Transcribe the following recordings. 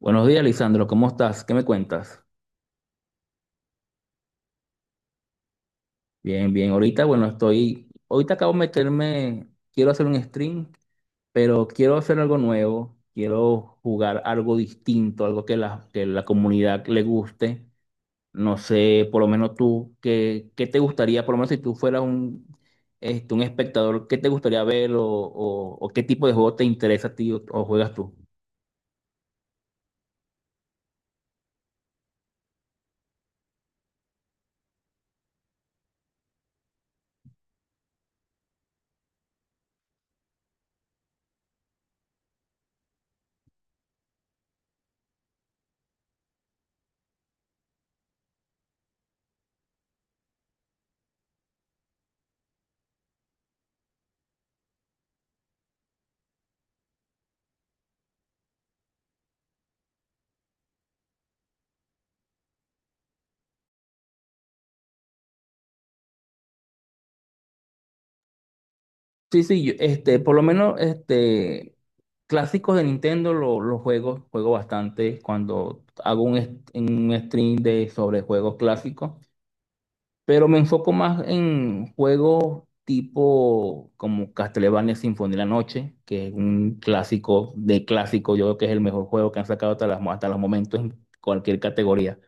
Buenos días, Lisandro. ¿Cómo estás? ¿Qué me cuentas? Bien, bien. Ahorita, bueno, estoy. Ahorita acabo de meterme. Quiero hacer un stream, pero quiero hacer algo nuevo. Quiero jugar algo distinto, algo que la comunidad le guste. No sé, por lo menos tú, ¿qué te gustaría? Por lo menos si tú fueras un, un espectador, ¿qué te gustaría ver o qué tipo de juego te interesa a ti o juegas tú? Sí, sí, yo, este, por lo menos, este, Clásicos de Nintendo los juegos, juego bastante cuando hago un stream de, sobre juegos clásicos, pero me enfoco más en juegos tipo como Castlevania Sinfonía de la Noche, que es un clásico de clásico. Yo creo que es el mejor juego que han sacado hasta los momentos en cualquier categoría,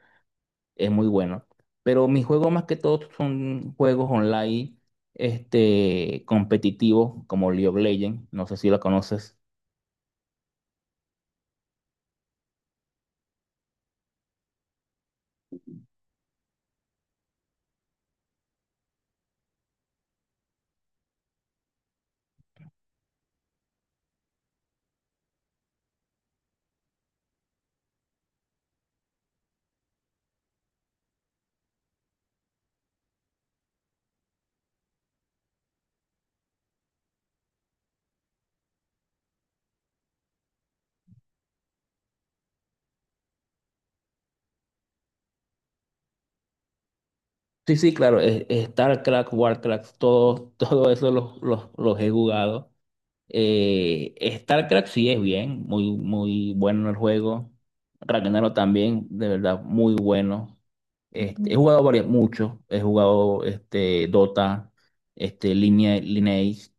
es muy bueno. Pero mis juegos más que todo son juegos online, competitivos como League of Legends, no sé si la conoces. Sí, sí, claro, es StarCraft, WarCraft, todo, todo eso los he jugado. Eh, StarCraft sí es bien, muy, muy bueno el juego. Ragnarok también, de verdad, muy bueno. He jugado varios, muchos. He jugado Dota, Lineage,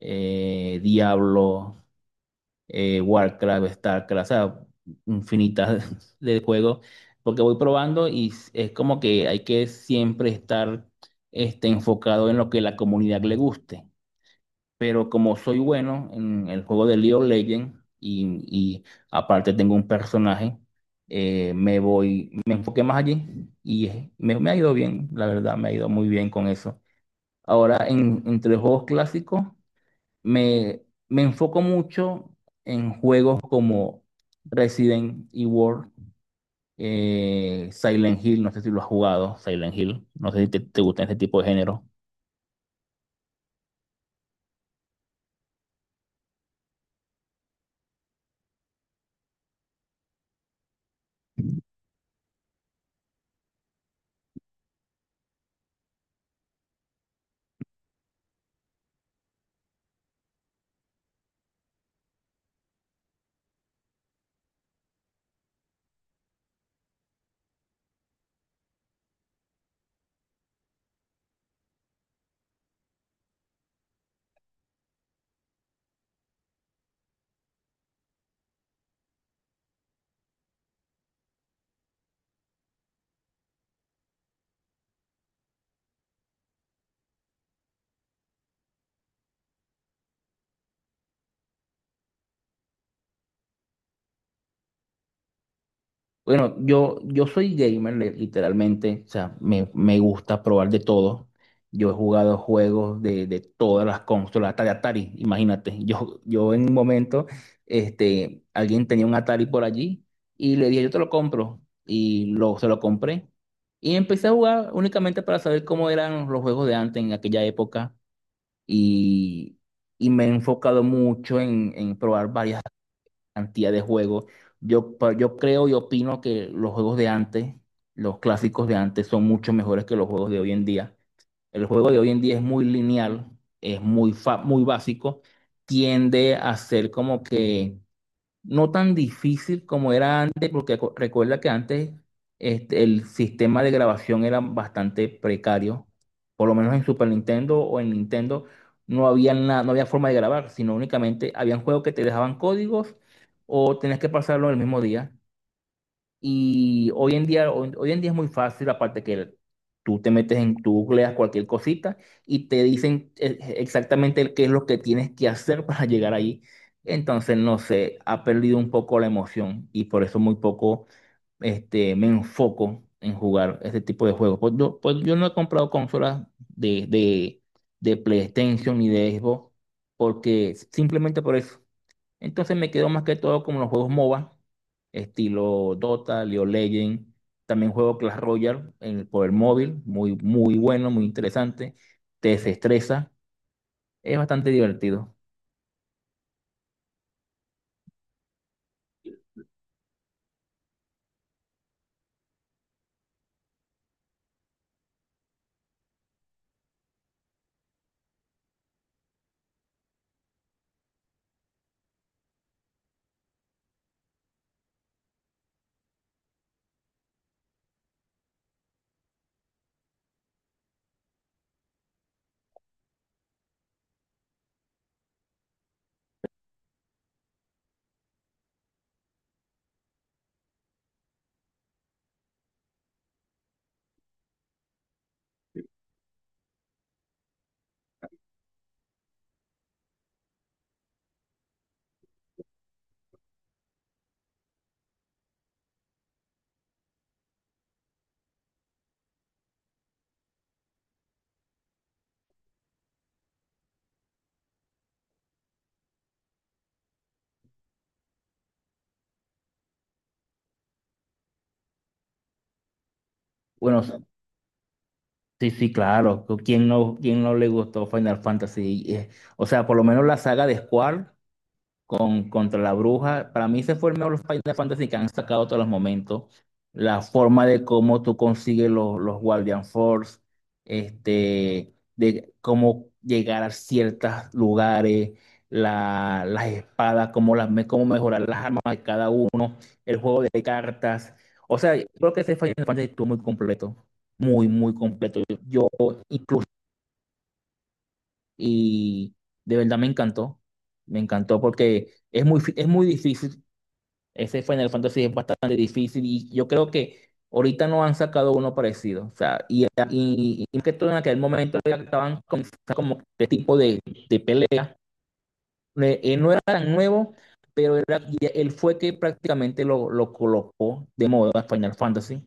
Diablo, Warcraft, Starcraft. O sea, infinitas de juegos, porque voy probando y es como que hay que siempre estar enfocado en lo que la comunidad le guste. Pero como soy bueno en el juego de League of Legends y aparte tengo un personaje, me enfoqué más allí y me ha ido bien, la verdad, me ha ido muy bien con eso. Ahora, entre los juegos clásicos, me, me enfoco mucho en juegos como Resident Evil, Silent Hill, no sé si lo has jugado. Silent Hill, no sé si te gusta ese tipo de género. Bueno, yo soy gamer, literalmente. O sea, me gusta probar de todo. Yo he jugado juegos de todas las consolas, hasta de Atari, imagínate. Yo en un momento, alguien tenía un Atari por allí y le dije, yo te lo compro. Y se lo compré. Y empecé a jugar únicamente para saber cómo eran los juegos de antes en aquella época. Y, y me he enfocado mucho en probar cantidad de juegos. Yo creo y opino que los juegos de antes, los clásicos de antes, son mucho mejores que los juegos de hoy en día. El juego de hoy en día es muy lineal, es muy básico, tiende a ser como que no tan difícil como era antes, porque recuerda que antes el sistema de grabación era bastante precario, por lo menos en Super Nintendo o en Nintendo no había forma de grabar, sino únicamente habían juegos que te dejaban códigos o tenías que pasarlo el mismo día. Y hoy en día, hoy en día es muy fácil, aparte que tú te metes tú googleas cualquier cosita y te dicen exactamente qué es lo que tienes que hacer para llegar ahí. Entonces, no sé, ha perdido un poco la emoción y por eso muy poco, me enfoco en jugar este tipo de juegos. Pues yo no he comprado consolas de PlayStation ni de Xbox, porque simplemente por eso. Entonces me quedo más que todo como los juegos MOBA, estilo Dota, League of Legends. También juego Clash Royale por el móvil, muy, muy bueno, muy interesante. Te desestresa, es bastante divertido. Bueno, sí, sí, claro. ¿Quién no le gustó Final Fantasy? O sea, por lo menos la saga de Squall contra la bruja. Para mí ese fue el mejor los Final Fantasy que han sacado todos los momentos. La forma de cómo tú consigues los Guardian Force, de cómo llegar a ciertos lugares, las espadas, cómo mejorar las armas de cada uno, el juego de cartas. O sea, yo creo que ese Final Fantasy estuvo muy completo, muy, muy completo. Yo incluso, y de verdad me encantó porque... Es es muy difícil, ese Final Fantasy es bastante difícil y yo creo que ahorita no han sacado uno parecido. O sea, y más que todo en aquel momento ya estaban con como este tipo de pelea, no era tan nuevo, pero él fue que prácticamente lo colocó de moda Final Fantasy,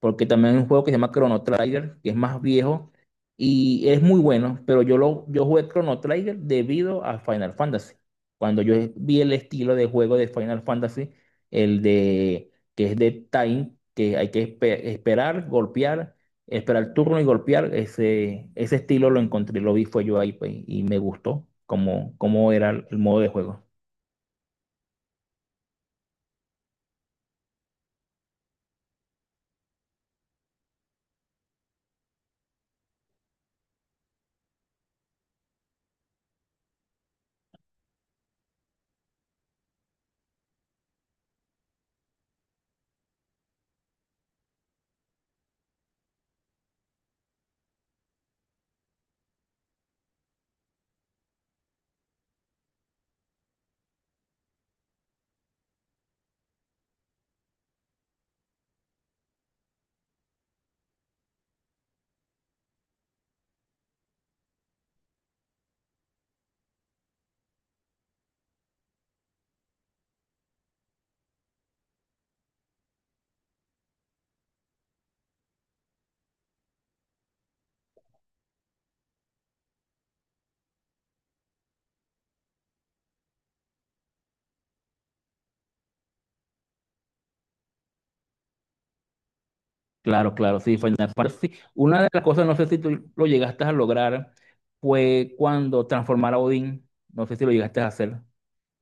porque también hay un juego que se llama Chrono Trigger, que es más viejo y es muy bueno. Pero yo jugué Chrono Trigger debido a Final Fantasy. Cuando yo vi el estilo de juego de Final Fantasy, el de que es de time, que hay que esperar, golpear, esperar el turno y golpear, ese estilo lo encontré, lo vi, fue yo ahí, pues, y me gustó cómo, cómo era el modo de juego. Claro, claro, sí, Final Fantasy. Una de las cosas, no sé si tú lo llegaste a lograr, fue cuando transformar a Odín, no sé si lo llegaste a hacer.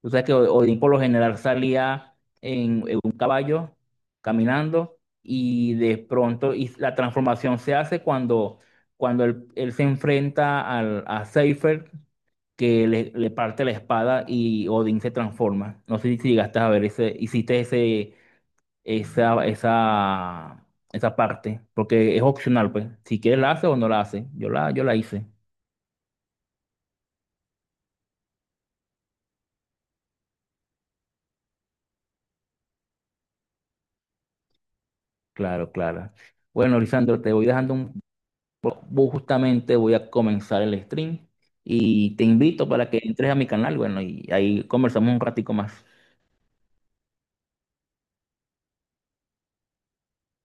O sea que Odín por lo general salía en un caballo caminando, y de pronto y la transformación se hace cuando él se enfrenta a Seifer, que le parte la espada y Odín se transforma. No sé si llegaste a ver ese, hiciste esa, esa, esa parte, porque es opcional, pues. Si quieres la hace o no la hace. Yo la hice. Claro, claro. Bueno, Lisandro, te voy dejando un. Pues, vos justamente voy a comenzar el stream y te invito para que entres a mi canal, bueno, y ahí conversamos un ratico más.